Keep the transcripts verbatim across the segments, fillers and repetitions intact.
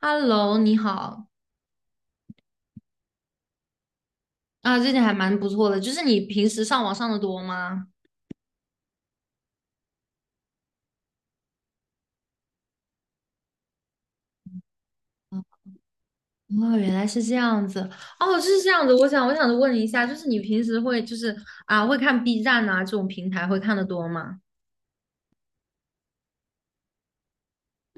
Hello，你好啊，最近还蛮不错的。就是你平时上网上的多吗？哦，原来是这样子。哦，是这样子。我想，我想问一下，就是你平时会就是啊，会看 B 站啊这种平台会看的多吗？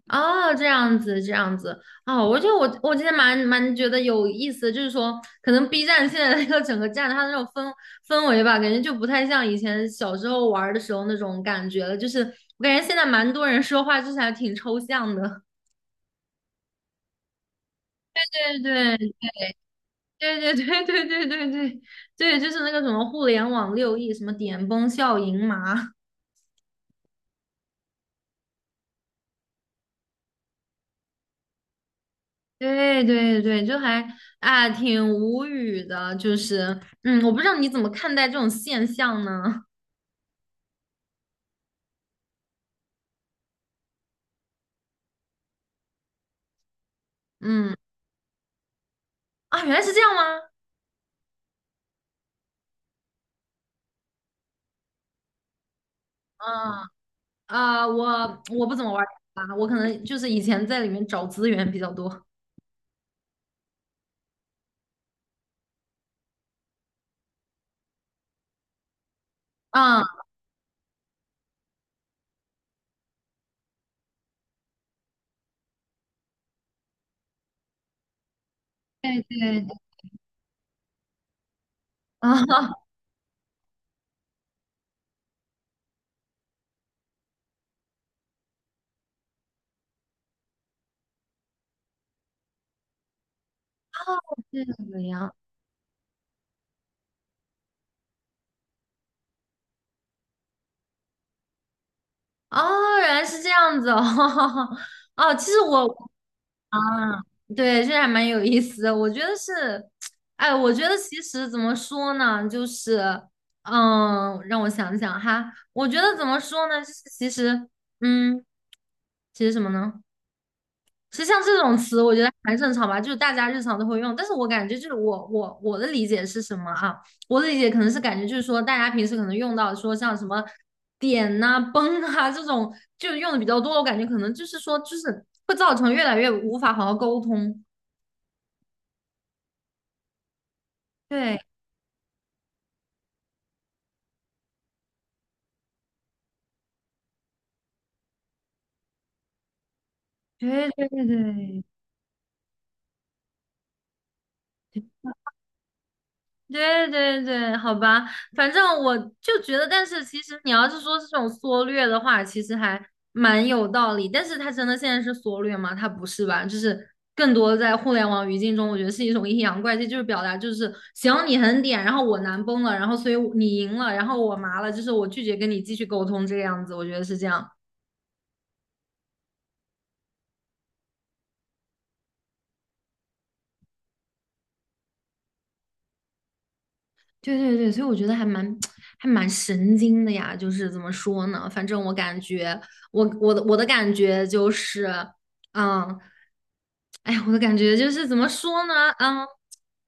哦，这样子，这样子。哦，我觉得我我今天蛮蛮觉得有意思的就是说可能 B 站现在 那个整个站它的那种氛氛围吧，感觉就不太像以前小时候玩儿的时候那种感觉了。就是我感觉现在蛮多人说话就是还挺抽象的。对对，对对对 对对对对对，就是那个什么互联网六亿，什么点崩笑盈麻，对对对，就还啊挺无语的，就是嗯，我不知道你怎么看待这种现象呢？嗯啊，原来是这样吗？啊啊，我我不怎么玩儿啊，我可能就是以前在里面找资源比较多啊，对对对啊，这个样。哦，原来是这样子哦，哦，其实我啊，对，这还蛮有意思的。我觉得是，哎，我觉得其实怎么说呢，就是，嗯，让我想想哈，我觉得怎么说呢，就是其实，嗯，其实什么呢？其实像这种词，我觉得还正常吧，就是大家日常都会用。但是我感觉就是我我我的理解是什么啊？我的理解可能是感觉就是说，大家平时可能用到说像什么点呐、崩啊这种，就用的比较多。我感觉可能就是说，就是会造成越来越无法好好沟通。对，对对对对，对对对，好吧，反正我就觉得，但是其实你要是说是这种缩略的话，其实还蛮有道理。但是它真的现在是缩略吗？它不是吧？就是更多在互联网语境中，我觉得是一种阴阳怪气，就是表达就是行你很点，然后我难崩了，然后所以你赢了，然后我麻了，就是我拒绝跟你继续沟通这个样子，我觉得是这样。对对对，所以我觉得还蛮 还蛮神经的呀，就是怎么说呢？反正我感觉，我我的我的感觉就是，嗯，哎呀，我的感觉就是怎么说呢？嗯，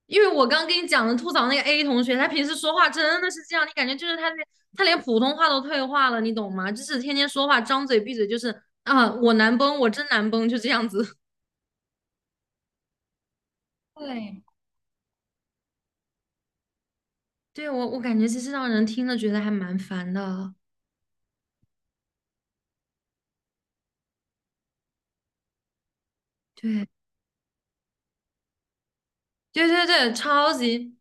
因为我刚跟你讲的吐槽那个 A 同学，他平时说话真的是这样，你感觉就是他连他连普通话都退化了，你懂吗？就是天天说话张嘴闭嘴就是啊，我难崩，我真难崩，就这样子。对。对，我我感觉其实让人听了觉得还蛮烦的。对。对对对，超级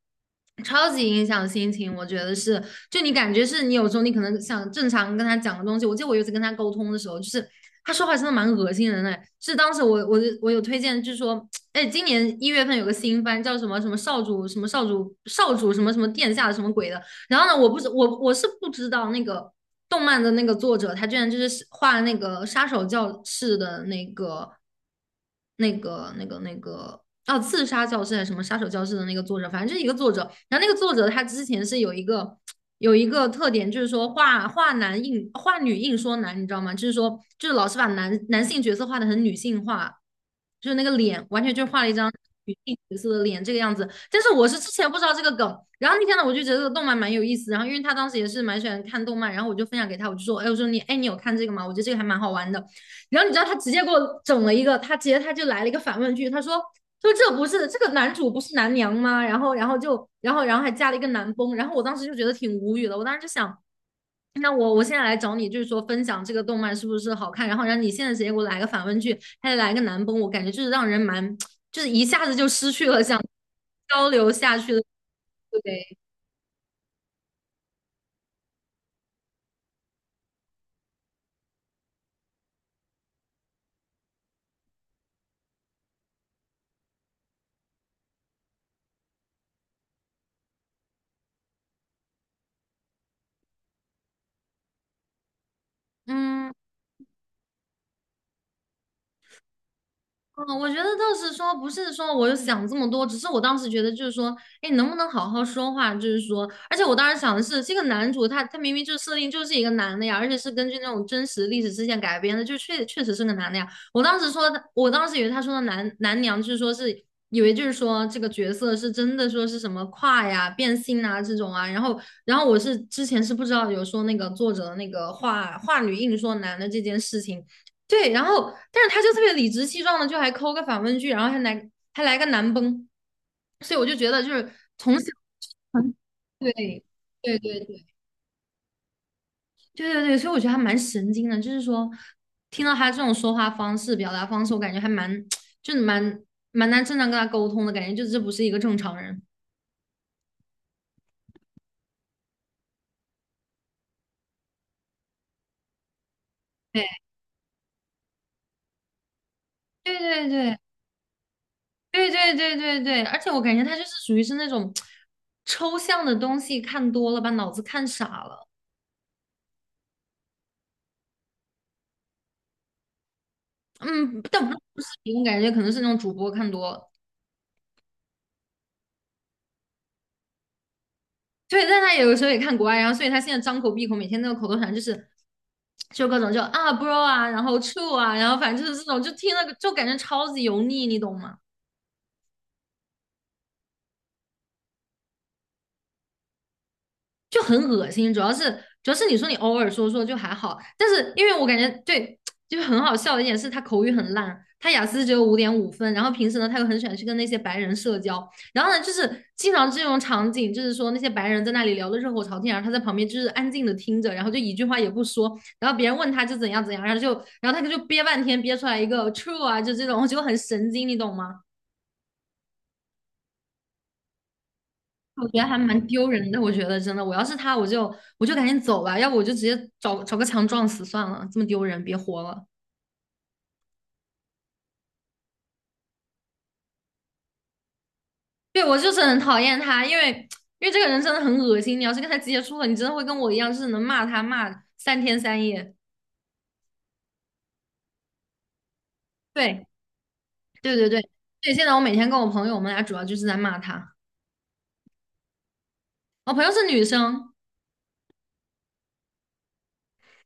超级影响心情，我觉得是。就你感觉是你有时候你可能想正常跟他讲个东西，我记得我有一次跟他沟通的时候，就是他说话真的蛮恶心人的哎是当时我我我有推荐，就是说，哎，今年一月份有个新番叫什么什么少主什么少主少主什么什么殿下什么鬼的，然后呢，我不是我我是不知道那个动漫的那个作者，他居然就是画那个杀手教室的那个那个那个那个哦，刺杀教室还是什么杀手教室的那个作者，反正就是一个作者。然后那个作者他之前是有一个有一个特点，就是说画画男硬画女硬说男，你知道吗？就是说就是老是把男男性角色画的很女性化。就是那个脸，完全就画了一张女性角色的脸这个样子。但是我是之前不知道这个梗，然后那天呢，我就觉得这个动漫蛮有意思。然后因为他当时也是蛮喜欢看动漫，然后我就分享给他，我就说，哎，我说你，哎，你有看这个吗？我觉得这个还蛮好玩的。然后你知道他直接给我整了一个，他直接他就来了一个反问句，他说。就这不是这个男主不是男娘吗？然后，然后就，然后，然后还加了一个男崩，然后我当时就觉得挺无语的。我当时就想，那我我现在来找你，就是说分享这个动漫是不是好看，然后让你现在直接给我来个反问句，还得来个男崩，我感觉就是让人蛮，就是一下子就失去了想交流下去的，对，嗯。嗯，我觉得倒是说，不是说我有想这么多，只是我当时觉得就是说，哎，能不能好好说话？就是说，而且我当时想的是，这个男主他他明明就设定就是一个男的呀，而且是根据那种真实历史事件改编的，就确确实是个男的呀。我当时说的，我当时以为他说的男男娘，就是说是以为就是说这个角色是真的说是什么跨呀、变性啊这种啊，然后然后我是之前是不知道有说那个作者的那个话话女硬说男的这件事情。对，然后但是他就特别理直气壮的，就还抠个反问句，然后还来还来个难崩，所以我就觉得就是从小很对对对对对对对，所以我觉得还蛮神经的，就是说听到他这种说话方式、表达方式，我感觉还蛮 就是蛮蛮难正常跟他沟通的感觉，就这不是一个正常人。对对对对对对对对对，而且我感觉他就是属于是那种 抽象的东西看多了，把脑子看傻了。嗯，但不不是迷，我感觉可能是那种主播看多，了，对，但他有的时候也看国外，然后所以他现在张口闭口每天那个口头禅就是就各种就啊 bro 啊，然后 true 啊，然后反正就是这种，就听了就感觉超级油腻，你懂吗？就很恶心，主要是主要是你说你偶尔说说就还好，但是因为我感觉对，就是很好笑的一点是他口语很烂，他雅思只有五点五分，然后平时呢他又很喜欢去跟那些白人社交，然后呢就是经常这种场景，就是说那些白人在那里聊得热火朝天，然后他在旁边就是安静的听着，然后就一句话也不说，然后别人问他就怎样怎样，然后就然后他就憋半天憋出来一个 true 啊，就这种，我觉得很神经，你懂吗？我觉得还蛮丢人的。我觉得真的，我要是他，我就我就赶紧走吧，要不我就直接找找个墙撞死算了，这么丢人，别活了。对，我就是很讨厌他，因为因为这个人真的很恶心。你要是跟他接触了，你真的会跟我一样，就是能骂他骂三天三夜。对，对对对对。现在我每天跟我朋友，我们俩主要就是在骂他。我朋友是女生，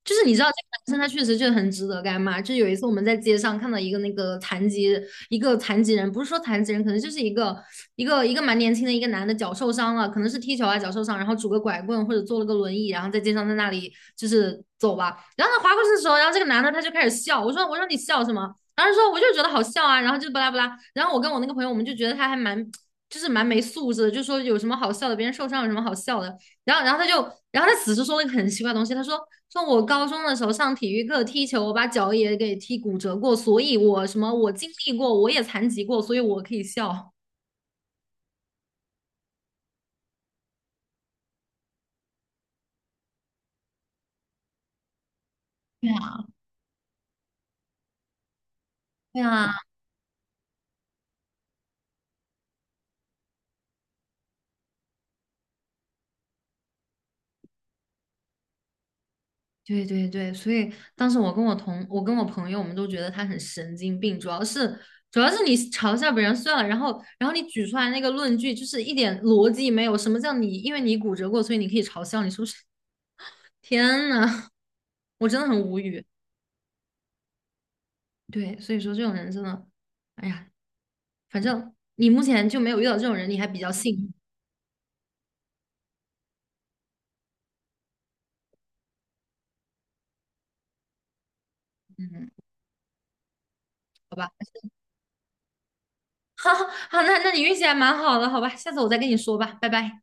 就是你知道这个男生他确实就很值得干嘛。就有一次我们在街上看到一个那个残疾一个残疾人，不是说残疾人，可能就是一个一个一个蛮年轻的一个男的脚受伤了，可能是踢球啊脚受伤，然后拄个拐棍或者坐了个轮椅，然后在街上在那里就是走吧。然后他划过去的时候，然后这个男的他就开始笑，我说我说你笑什么？然后说我就觉得好笑啊，然后就巴拉巴拉。然后我跟我那个朋友我们就觉得他还蛮。就是蛮没素质的，就说有什么好笑的，别人受伤有什么好笑的。然后，然后他就，然后他此时说了一个很奇怪的东西，他说说我高中的时候上体育课踢球，我把脚也给踢骨折过，所以我什么我经历过，我也残疾过，所以我可以笑。对啊，对啊，对对对，所以当时我跟我同我跟我朋友，我们都觉得他很神经病，主要是主要是你嘲笑别人算了，然后然后你举出来那个论据就是一点逻辑没有，什么叫你因为你骨折过，所以你可以嘲笑，你是不是？天呐，我真的很无语。对，所以说这种人真的，哎呀，反正你目前就没有遇到这种人，你还比较幸运。嗯，好吧，好，好，那那你运气还蛮好的，好吧，下次我再跟你说吧，拜拜。